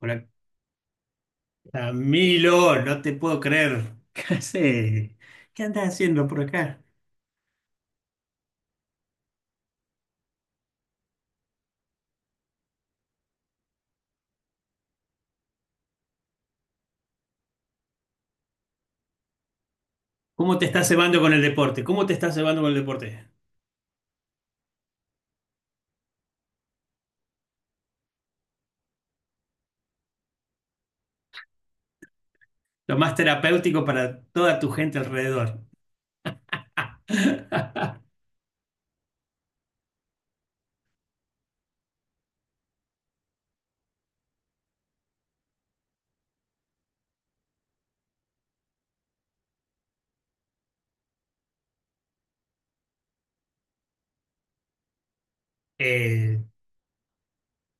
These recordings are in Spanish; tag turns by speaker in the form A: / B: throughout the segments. A: Hola, Camilo, no te puedo creer. ¿Qué haces? ¿Qué andas haciendo por acá? ¿Cómo te estás cebando con el deporte? ¿Cómo te estás cebando con el deporte? Lo más terapéutico para toda tu gente alrededor. Eh,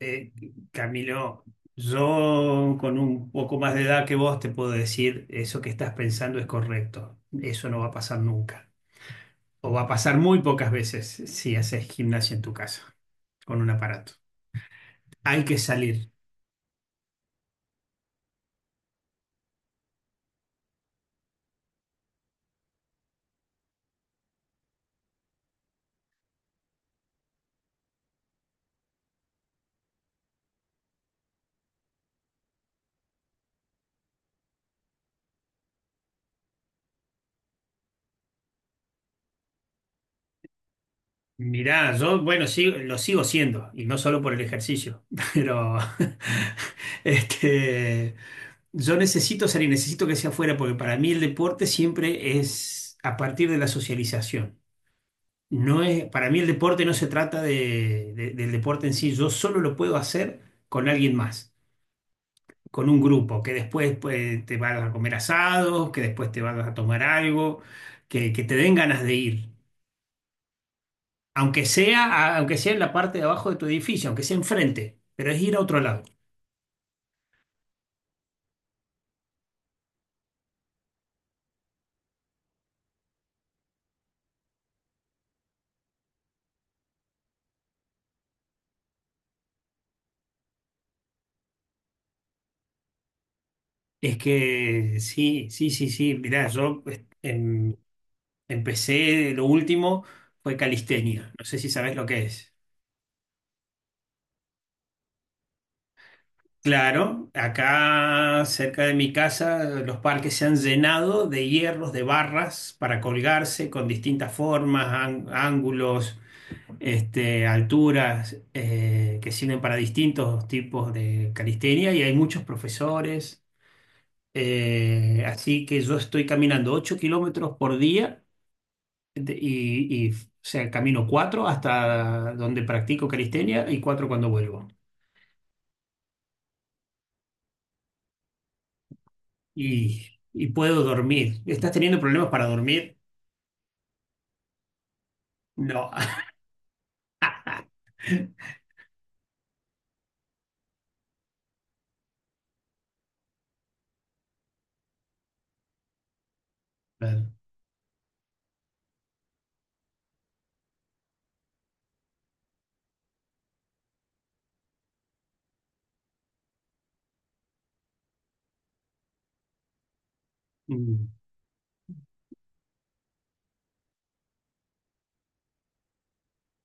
A: eh, Camilo, yo con un poco más de edad que vos te puedo decir, eso que estás pensando es correcto. Eso no va a pasar nunca. O va a pasar muy pocas veces si haces gimnasia en tu casa con un aparato. Hay que salir. Mirá, yo, bueno, sí, lo sigo siendo, y no solo por el ejercicio, pero este, yo necesito salir, necesito que sea afuera, porque para mí el deporte siempre es a partir de la socialización. No es, para mí el deporte no se trata del deporte en sí, yo solo lo puedo hacer con alguien más, con un grupo, que después pues, te vas a comer asados, que después te vas a tomar algo, que te den ganas de ir. Aunque sea, aunque sea en la parte de abajo de tu edificio, aunque sea enfrente, pero es ir a otro lado. Es que sí, sí, sí, sí. Mirá, yo pues, empecé, lo último fue calistenia. No sé si sabes lo que es. Claro, acá cerca de mi casa los parques se han llenado de hierros, de barras para colgarse con distintas formas, ángulos, alturas, que sirven para distintos tipos de calistenia y hay muchos profesores. Así que yo estoy caminando 8 kilómetros por día y, o sea, camino 4 hasta donde practico calistenia y 4 cuando vuelvo. Y, y puedo dormir. ¿Estás teniendo problemas para dormir? No. Claro. Mm.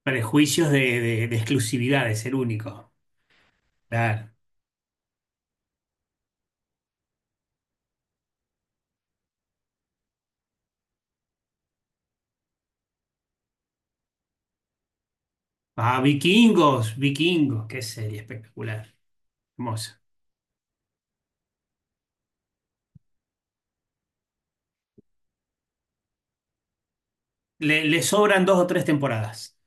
A: Prejuicios de, de exclusividad, de ser único. Claro. Ah, vikingos, vikingos, qué serie espectacular, hermosa. Le sobran dos o tres temporadas.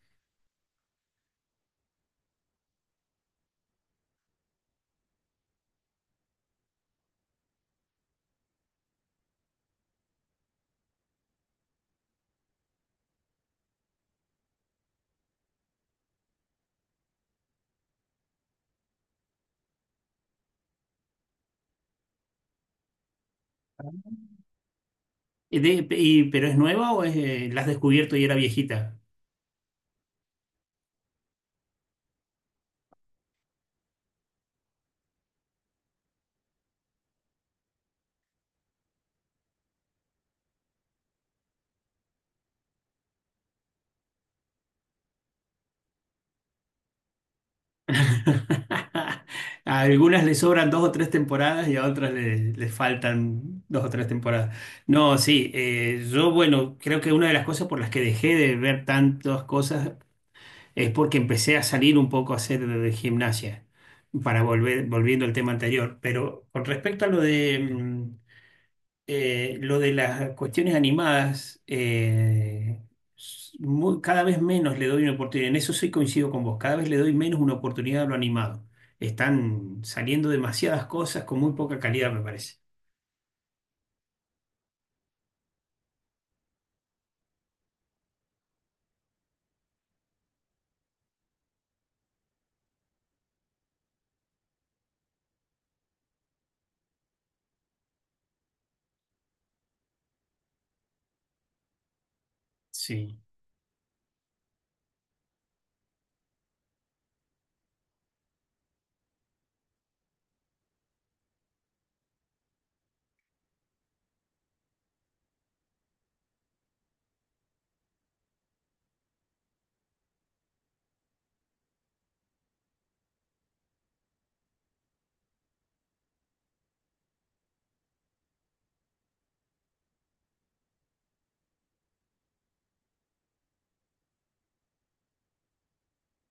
A: ¿Pero es nueva o es, la has descubierto y era viejita? A algunas les sobran dos o tres temporadas y a otras les, les faltan dos o tres temporadas. No, sí, yo, bueno, creo que una de las cosas por las que dejé de ver tantas cosas es porque empecé a salir un poco a hacer gimnasia, para volver, volviendo al tema anterior. Pero con respecto a lo de, lo de las cuestiones animadas, cada vez menos le doy una oportunidad. En eso sí coincido con vos. Cada vez le doy menos una oportunidad a lo animado. Están saliendo demasiadas cosas con muy poca calidad, me parece. Sí.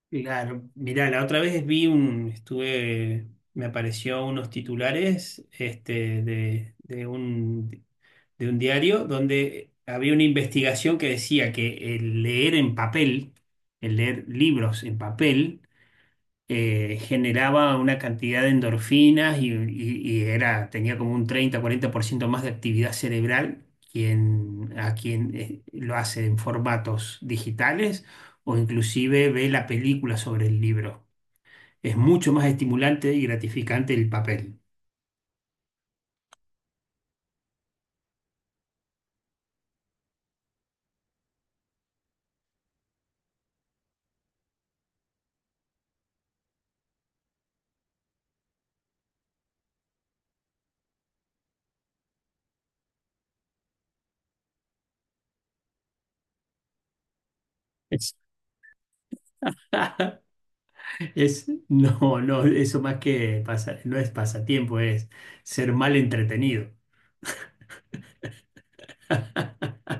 A: Claro. Mirá, la otra vez vi un, estuve, me apareció unos titulares, de, de un diario donde había una investigación que decía que el leer en papel, el leer libros en papel, generaba una cantidad de endorfinas y, y era, tenía como un 30 40% más de actividad cerebral quien, a quien lo hace en formatos digitales o inclusive ve la película sobre el libro. Es mucho más estimulante y gratificante el papel. Es, no, no, eso más que pasa, no es pasatiempo, es ser mal entretenido.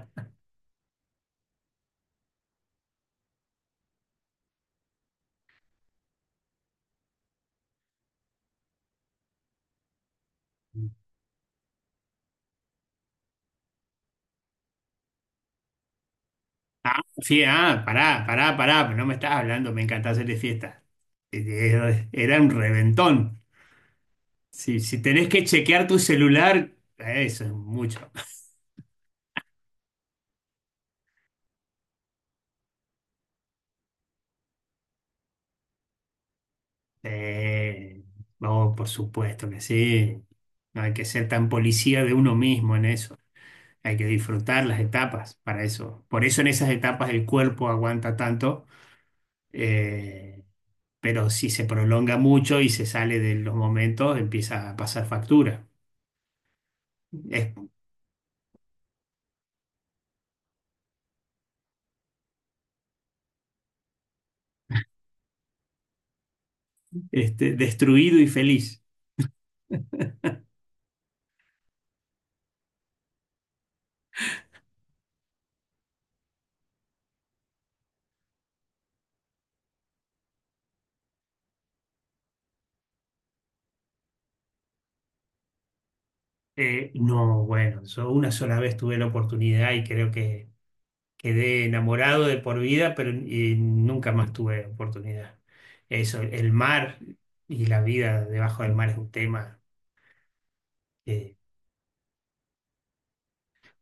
A: Ah, sí, ah, pará, pará, pará, pero no me estás hablando, me encanta hacer de fiesta. Era un reventón. Si, si tenés que chequear tu celular, eso es mucho. Eh, no, por supuesto que sí. No hay que ser tan policía de uno mismo en eso. Hay que disfrutar las etapas para eso. Por eso en esas etapas el cuerpo aguanta tanto. eh, pero si se prolonga mucho y se sale de los momentos, empieza a pasar factura. Es destruido y feliz. No, bueno, yo una sola vez tuve la oportunidad y creo que quedé enamorado de por vida, pero y nunca más tuve oportunidad. Eso, el mar y la vida debajo del mar es un tema. Que,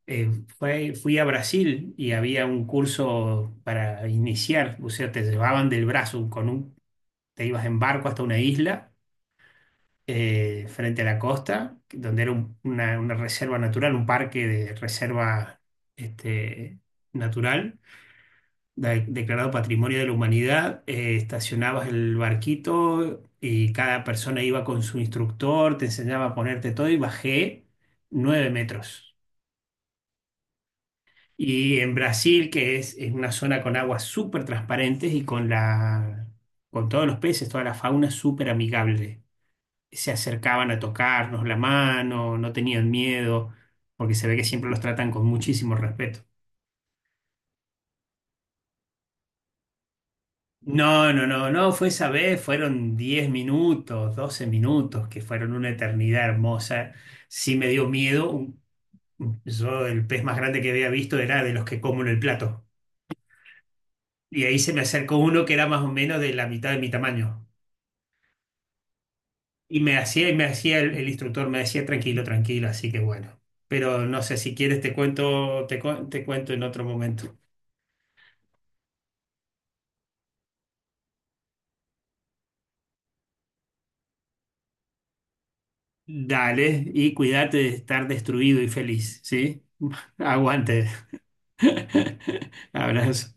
A: eh, fui a Brasil y había un curso para iniciar, o sea, te llevaban del brazo con un, te ibas en barco hasta una isla frente a la costa, donde era una reserva natural, un parque de reserva este, natural, declarado Patrimonio de la Humanidad. Estacionabas el barquito y cada persona iba con su instructor, te enseñaba a ponerte todo y bajé 9 metros. Y en Brasil, que es una zona con aguas súper transparentes y con la, con todos los peces, toda la fauna súper amigable. Se acercaban a tocarnos la mano, no tenían miedo, porque se ve que siempre los tratan con muchísimo respeto. No, no, no, no, fue esa vez, fueron 10 minutos, 12 minutos, que fueron una eternidad hermosa. Sí me dio miedo. Yo el pez más grande que había visto era de los que como en el plato. Y ahí se me acercó uno que era más o menos de la mitad de mi tamaño. Y me hacía, el instructor me decía, tranquilo, tranquilo, así que bueno. Pero no sé, si quieres te cuento, te cuento en otro momento. Dale y cuídate de estar destruido y feliz, ¿sí? Aguante. Abrazo.